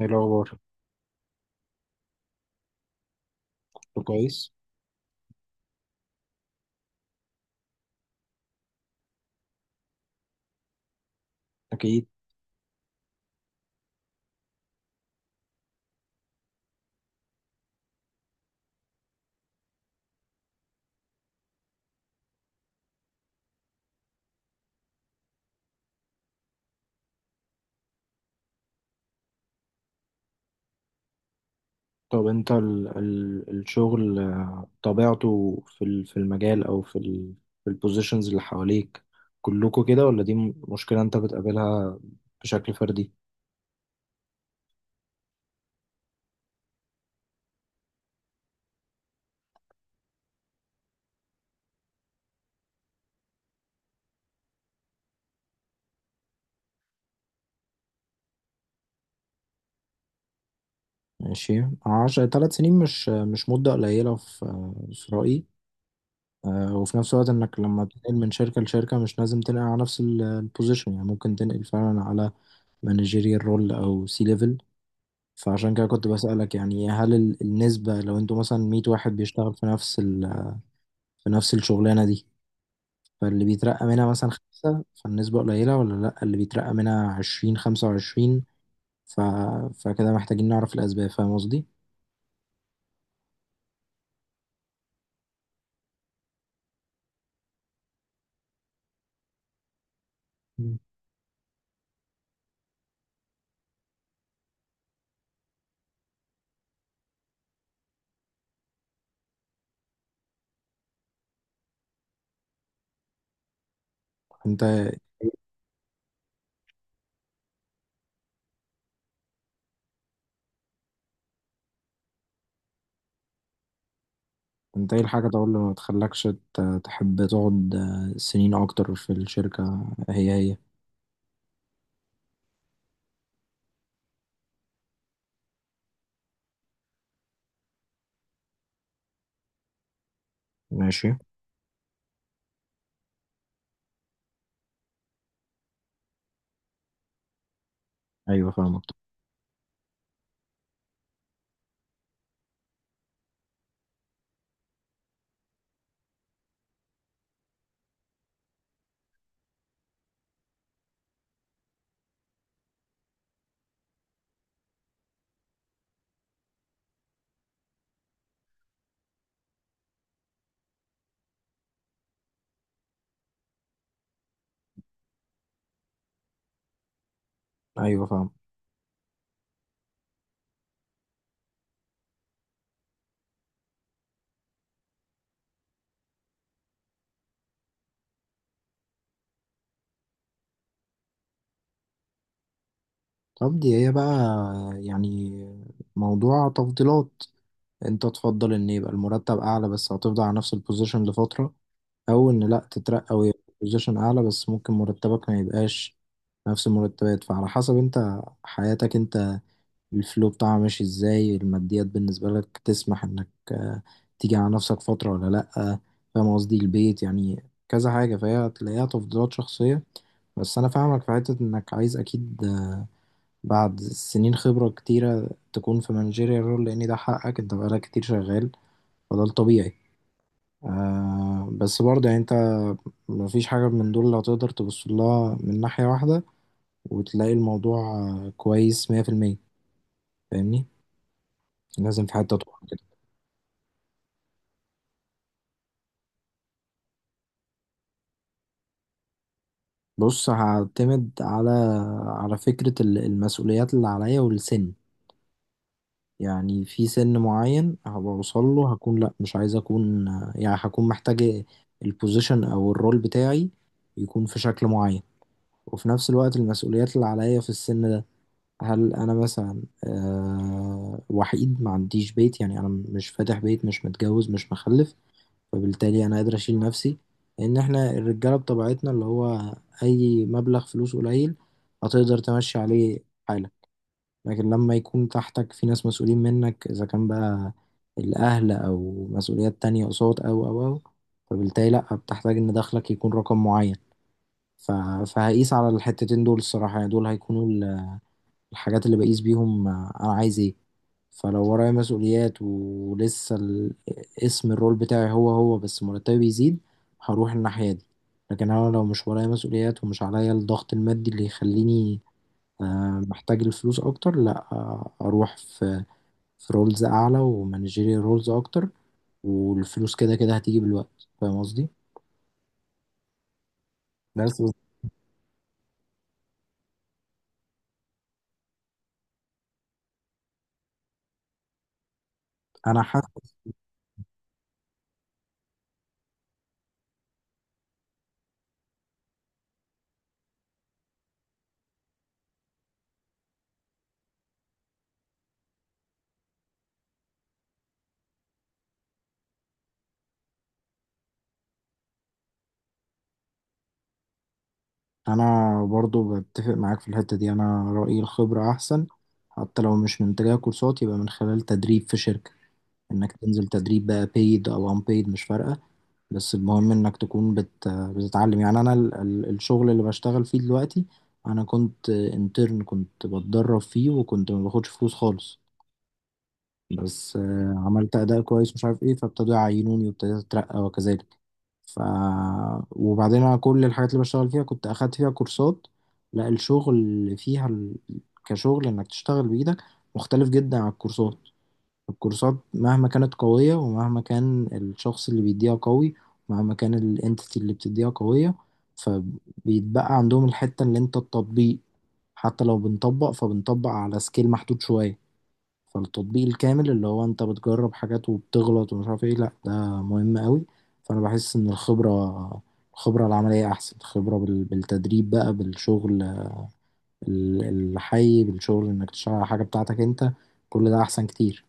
ايه الأخبار؟ كله كويس؟ أكيد. طب أنت ال الشغل طبيعته في في المجال أو في البوزيشنز اللي حواليك كلكوا كده، ولا دي مشكلة أنت بتقابلها بشكل فردي؟ ماشي. عشر تلات سنين مش مدة قليلة في في رأيي. وفي نفس الوقت إنك لما تنقل من شركة لشركة مش لازم تنقل على نفس البوزيشن، يعني ممكن تنقل فعلا على مانجيريال رول أو سي ليفل. فعشان كده كنت بسألك، يعني هل النسبة لو انتوا مثلا 100 واحد بيشتغل في نفس في نفس الشغلانة دي، فاللي بيترقى منها مثلا خمسة فالنسبة قليلة، ولا لأ اللي بيترقى منها 20 25؟ ف... فكده محتاجين نعرف الأسباب. فاهم قصدي؟ مم. انت انت ايه الحاجة طبعا اللي ما تخلكش تحب تقعد سنين أكتر في الشركة هي؟ ماشي. أيوة فاهمك. أيوة فاهم. طب دي هي بقى يعني موضوع تفضيلات. انت تفضل ان يبقى المرتب اعلى بس هتفضل على نفس البوزيشن لفترة، او ان لا تترقى ويبقى بوزيشن اعلى بس ممكن مرتبك ما يبقاش نفس المرتبات. فعلى حسب انت حياتك انت الفلو بتاعها ماشي ازاي، الماديات بالنسبة لك تسمح انك تيجي على نفسك فترة ولا لا. فاهم قصدي؟ البيت يعني، كذا حاجة، فهي هتلاقيها تفضيلات شخصية. بس انا فاهمك في حتة انك عايز اكيد بعد سنين خبرة كتيرة تكون في مانجيريال رول، لان ده حقك، انت بقالك كتير شغال، فده الطبيعي. آه بس برضه يعني انت مفيش حاجة من دول اللي هتقدر تبص لها من ناحية واحدة وتلاقي الموضوع كويس مية في المية. فاهمني؟ لازم في حتة تقع كده. بص، هعتمد على على فكرة المسؤوليات اللي عليا والسن. يعني في سن معين هبقى اوصل له هكون لا مش عايز اكون يعني هكون محتاج البوزيشن او الرول بتاعي يكون في شكل معين. وفي نفس الوقت المسؤوليات اللي عليا في السن ده، هل انا مثلا أه وحيد ما عنديش بيت؟ يعني انا مش فاتح بيت، مش متجوز، مش مخلف، فبالتالي انا قادر اشيل نفسي. لان احنا الرجاله بطبيعتنا اللي هو اي مبلغ فلوس قليل هتقدر تمشي عليه حالك. لكن لما يكون تحتك في ناس مسؤولين منك، اذا كان بقى الاهل او مسؤوليات تانية قصاد او فبالتالي لا بتحتاج ان دخلك يكون رقم معين. ف- فهقيس على الحتتين دول الصراحة. يعني دول هيكونوا الحاجات اللي بقيس بيهم انا عايز ايه. فلو ورايا مسؤوليات ولسه اسم الرول بتاعي هو بس مرتبي بيزيد، هروح الناحية دي. لكن انا لو مش ورايا مسؤوليات ومش عليا الضغط المادي اللي يخليني محتاج الفلوس اكتر، لا اروح في في رولز اعلى ومانجيريال رولز اكتر، والفلوس كده كده هتيجي بالوقت. فاهم قصدي؟ بس. انا حاسس، انا برضو بتفق معاك في الحتة دي. انا رأيي الخبرة احسن، حتى لو مش من تجاه كورسات يبقى من خلال تدريب في شركة، انك تنزل تدريب بقى paid او unpaid مش فارقة، بس المهم انك تكون بتتعلم. يعني انا الشغل اللي بشتغل فيه دلوقتي انا كنت انترن، كنت بتدرب فيه وكنت ما باخدش فلوس خالص، بس عملت أداء كويس مش عارف إيه فابتدوا يعينوني وابتديت أترقى وكذلك. ف وبعدين أنا كل الحاجات اللي بشتغل فيها كنت أخدت فيها كورسات. لا الشغل فيها كشغل إنك تشتغل بإيدك مختلف جدا عن الكورسات. الكورسات مهما كانت قوية، ومهما كان الشخص اللي بيديها قوي، ومهما كان الانتيتي اللي بتديها قوية، فبيتبقى عندهم الحتة اللي انت التطبيق. حتى لو بنطبق فبنطبق على سكيل محدود شوية. فالتطبيق الكامل اللي هو انت بتجرب حاجات وبتغلط ومش عارف ايه، لا ده مهم قوي. فانا بحس ان الخبرة، الخبرة العملية احسن، الخبرة بالتدريب بقى بالشغل الحي، بالشغل انك تشتغل على حاجة بتاعتك انت، كل ده احسن كتير.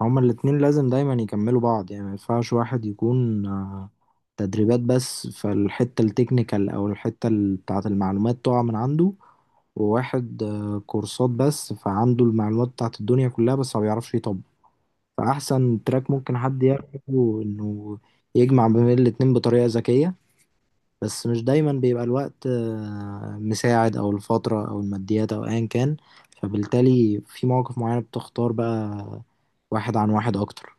هما الاتنين لازم دايما يكملوا بعض. يعني ما ينفعش واحد يكون تدريبات بس فالحتة التكنيكال او الحتة بتاعة المعلومات تقع من عنده، وواحد كورسات بس فعنده المعلومات بتاعة الدنيا كلها بس ما بيعرفش يطبق. فأحسن تراك ممكن حد يعمله إنه يجمع بين الاتنين بطريقة ذكية. بس مش دايما بيبقى الوقت مساعد أو الفترة أو الماديات أو أيا كان، فبالتالي في مواقف معينة بتختار بقى واحد عن واحد أكتر.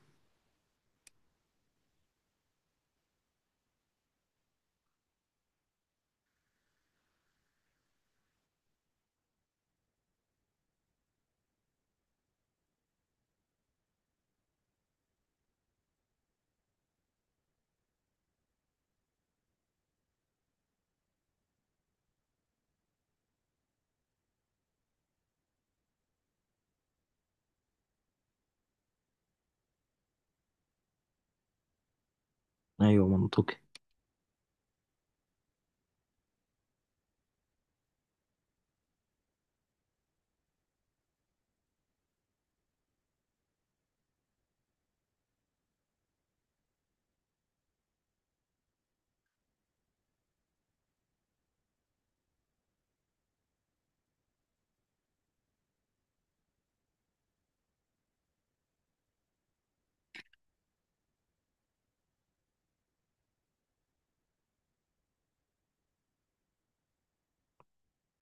أيوة منطقي.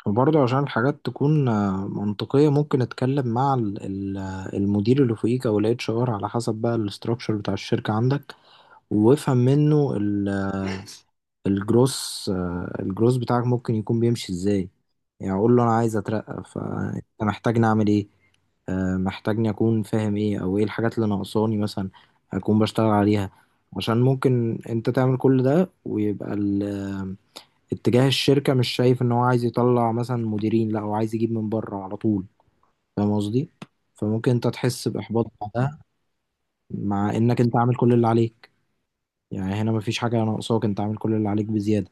وبرضه عشان الحاجات تكون منطقية ممكن أتكلم مع المدير اللي فوقيك أو ال HR، على حسب بقى الاستراكشر بتاع الشركة عندك، وافهم منه الجروس، الجروس بتاعك ممكن يكون بيمشي ازاي. يعني اقول له انا عايز اترقى، فانت محتاجني اعمل ايه؟ محتاجني اكون فاهم ايه، او ايه الحاجات اللي ناقصاني مثلا اكون بشتغل عليها. عشان ممكن انت تعمل كل ده ويبقى اتجاه الشركة مش شايف ان هو عايز يطلع مثلا مديرين، لا هو عايز يجيب من بره على طول. فاهم قصدي؟ فممكن انت تحس باحباط بعدها، مع انك انت عامل كل اللي عليك. يعني هنا مفيش حاجة ناقصاك، انت عامل كل اللي عليك بزيادة.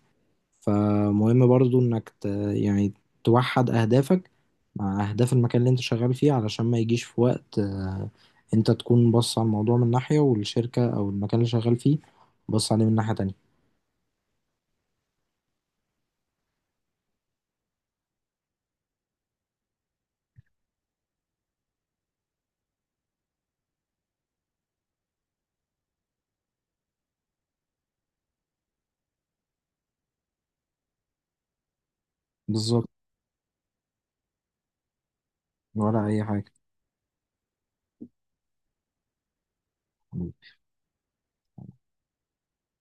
فمهم برضو انك يعني توحد اهدافك مع اهداف المكان اللي انت شغال فيه، علشان ما يجيش في وقت انت تكون بص على الموضوع من ناحية، والشركة او المكان اللي شغال فيه بص عليه من ناحية تانية. بالظبط. ولا اي حاجة.